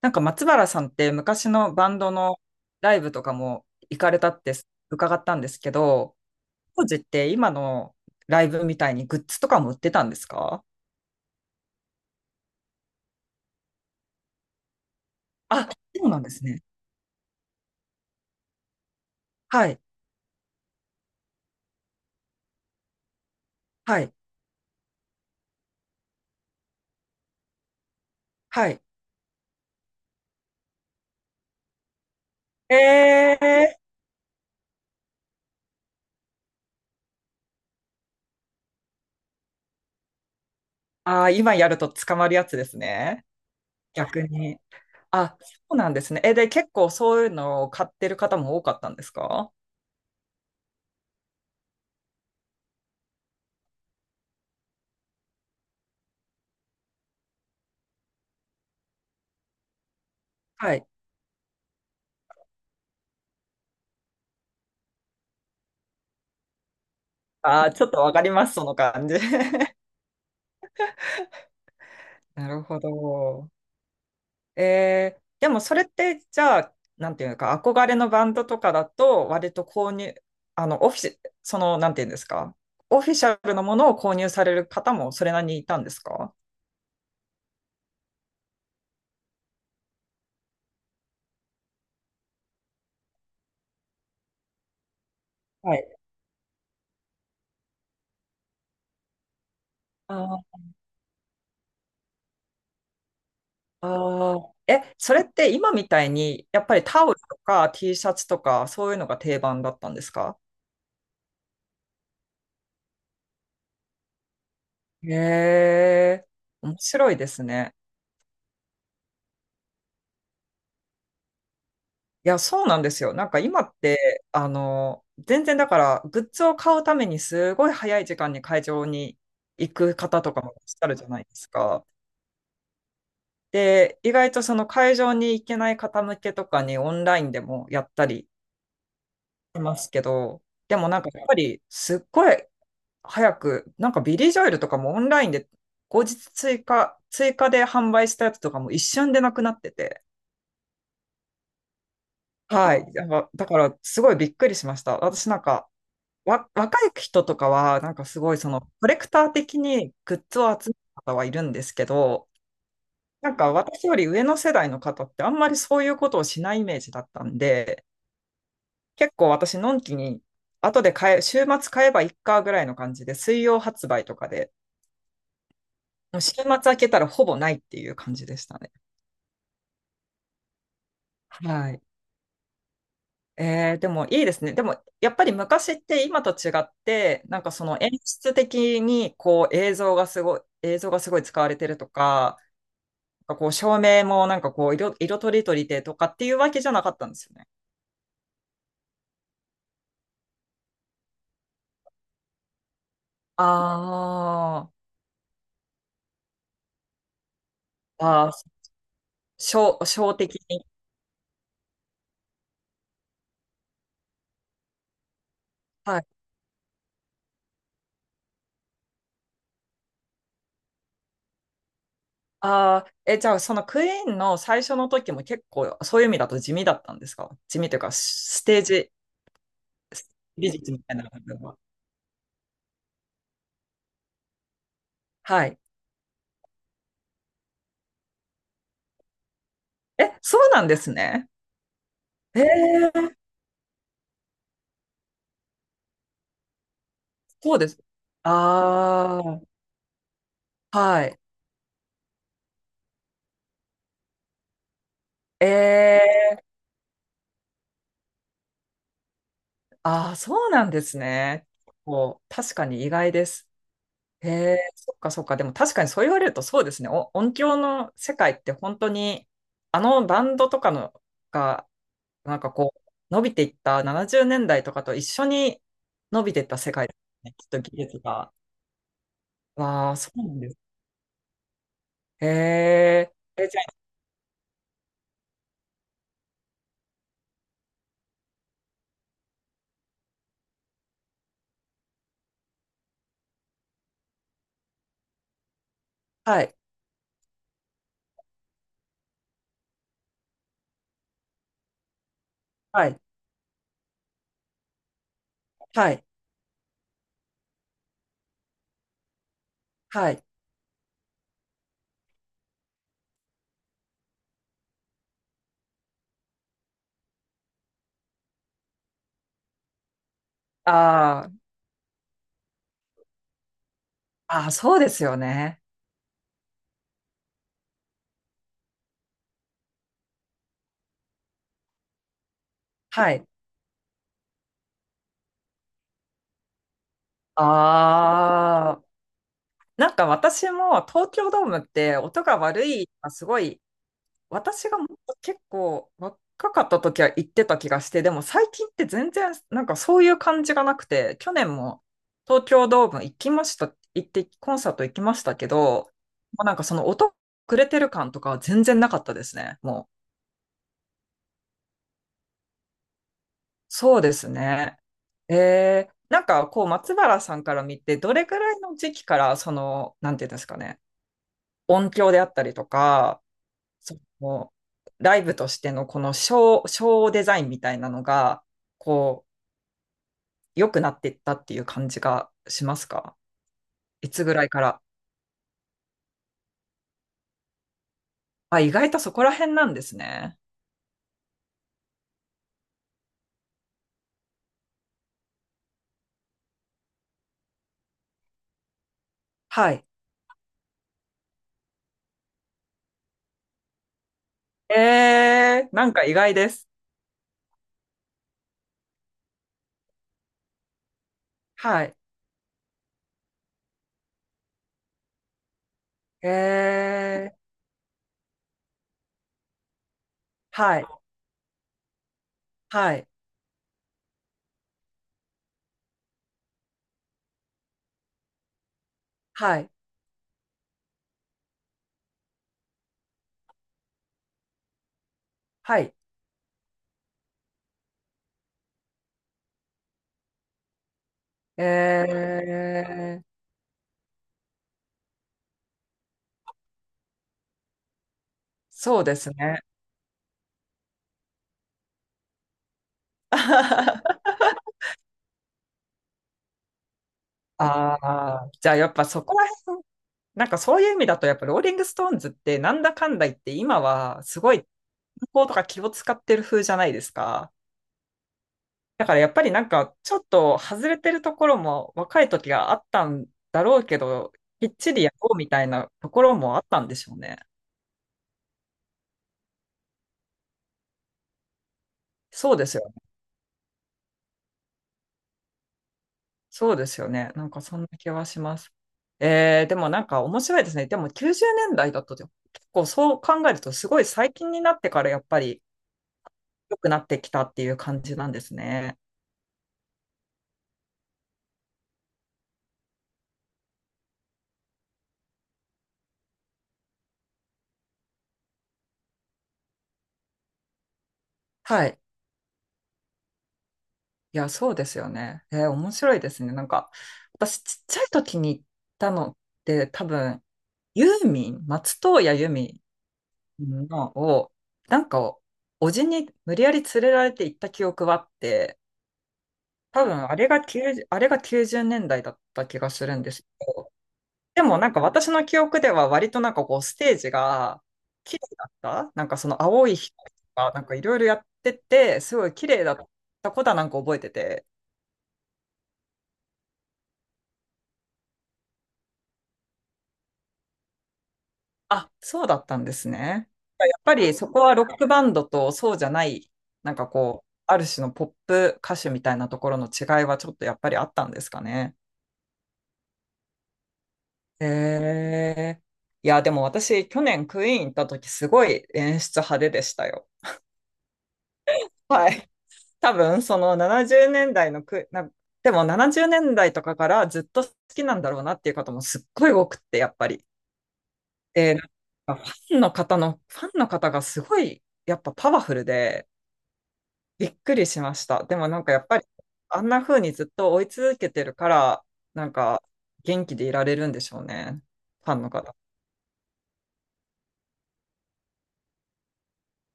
なんか松原さんって昔のバンドのライブとかも行かれたって伺ったんですけど、当時って今のライブみたいにグッズとかも売ってたんですか？あ、そうなんですね。はい、はい、はい。えー、今やると捕まるやつですね。逆に。あ、そうなんですね。え、で、結構そういうのを買ってる方も多かったんですか？はい。あー、ちょっとわかります、その感じ。なるほど。でもそれってじゃあ、なんていうのか、憧れのバンドとかだと、割と購入、オフィシ、その、なんていうんですか、オフィシャルのものを購入される方もそれなりにいたんですか？はい。ああーえ、それって今みたいに、やっぱりタオルとか T シャツとか、そういうのが定番だったんですか？へえ、面白いですね。いや、そうなんですよ。なんか今って、全然だから、グッズを買うためにすごい早い時間に会場に行く方とかもいらっしゃるじゃないですか。で、意外とその会場に行けない方向けとかにオンラインでもやったりしますけど、でもなんかやっぱりすっごい早く、なんかビリー・ジョエルとかもオンラインで後日追加で販売したやつとかも一瞬でなくなってて、はい。だからすごいびっくりしました。私なんか、わ、若い人とかは、なんかすごいその、コレクター的にグッズを集める方はいるんですけど、なんか私より上の世代の方ってあんまりそういうことをしないイメージだったんで、結構私、のんきに、後で買え、週末買えばいっかぐらいの感じで、水曜発売とかで、もう週末開けたらほぼないっていう感じでしたね。はい。えー、でもいいですね。でもやっぱり昔って今と違って、なんかその演出的にこう映像がすごい使われてるとか、なんかこう照明もなんかこう色、色とりとりでとかっていうわけじゃなかったんですよね。ああ、ああ、小、小的に。はい。ああ、え、じゃあそのクイーンの最初の時も結構そういう意味だと地味だったんですか？地味というかスステージ美術みたいな部分は。はい。え、そうなんですね。ええそうです。ああ、はい。ええああ、そうなんですね。こう、確かに意外です。へえ、そっかそっか。でも確かにそう言われるとそうですね。お音響の世界って本当に、あのバンドとかのが、なんかこう、伸びていった70年代とかと一緒に伸びていった世界ですね。きっと技術が。わあ、そうなんです。へえ。え、じゃあ、はい、はい、はい、はい。あーあー、そうですよね。はい。ああ。なんか私も東京ドームって音が悪い、まあすごい私がもっと結構若かった時は行ってた気がして、でも最近って全然なんかそういう感じがなくて、去年も東京ドーム行きました、行ってコンサート行きましたけど、もうなんかその音くれてる感とかは全然なかったですね。もう。そうですね。えー、なんかこう松原さんから見て、どれぐらいの時期からその、なんていうんですかね、音響であったりとか、そのライブとしてのこのショー、ショーデザインみたいなのが、こう、良くなっていったっていう感じがしますか？いつぐらいから？あ、意外とそこら辺なんですね。はい。えー、なんか意外です。はい。えー、はい。はい。はい。はい。えー、そうですね。ああ、じゃあやっぱそこら辺、なんかそういう意味だとやっぱローリングストーンズってなんだかんだ言って今はすごい考とか気を使ってる風じゃないですか。だからやっぱりなんかちょっと外れてるところも若い時があったんだろうけど、きっちりやろうみたいなところもあったんでしょうね。そうですよね。そうですよね。なんかそんな気はします。でもなんか面白いですね。でも90年代だいだと結構そう考えるとすごい最近になってからやっぱり良くなってきたっていう感じなんですね。はい。いや、そうですよね。えー面白いですね。なんか、私、ちっちゃい時に行ったのって、多分、ユーミン、松任谷由実のを、なんかお、じに無理やり連れられて行った記憶はあって、多分、あれが90、あれが90年代だいだった気がするんですけど、でもなんか私の記憶では割となんかこう、ステージが綺麗だったなんかその青い光とか、なんかいろいろやってて、すごい綺麗だったことはなんか覚えてて、あ、そうだったんですね。やっぱりそこはロックバンドとそうじゃない、なんかこう、ある種のポップ歌手みたいなところの違いはちょっとやっぱりあったんですかね。へえー。いや、でも私、去年クイーン行った時、すごい演出派手でしたよ。はい。多分、その70年代のクイ、な、でも70年代とかからずっと好きなんだろうなっていう方もすっごい多くって、やっぱり。で、なんかファンの方がすごい、やっぱパワフルで、びっくりしました。でもなんかやっぱり、あんな風にずっと追い続けてるから、なんか元気でいられるんでしょうね。ファンの方。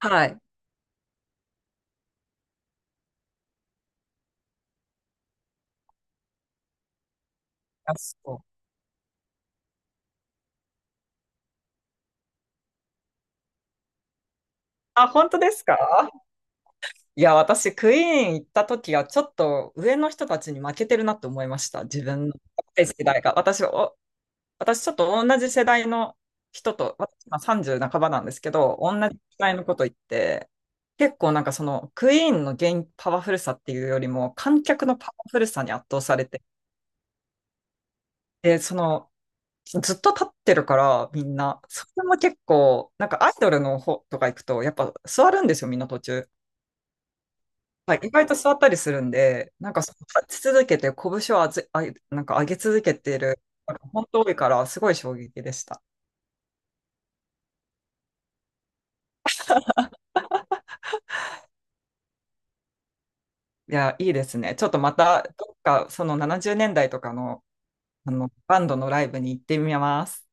はい。あ、そうあ本当ですか？いや、私、クイーン行った時は、ちょっと上の人たちに負けてるなって思いました。自分の若い世代が。私、お私ちょっと同じ世代の人と、私今30半ばなんですけど、同じ世代のこと言って、結構なんかそのクイーンの現パワフルさっていうよりも観客のパワフルさに圧倒されて、で、そのずっと立ってるからみんな、それも結構なんかアイドルの方とか行くとやっぱ座るんですよみんな途中。はい、意外と座ったりするんで、なんかその立ち続けて拳をあず、あ、なんか上げ続けている、なんか本当多いからすごい衝撃でした。いや、いいですね。ちょっとまた、どっか、その70年代とかの、バンドのライブに行ってみます。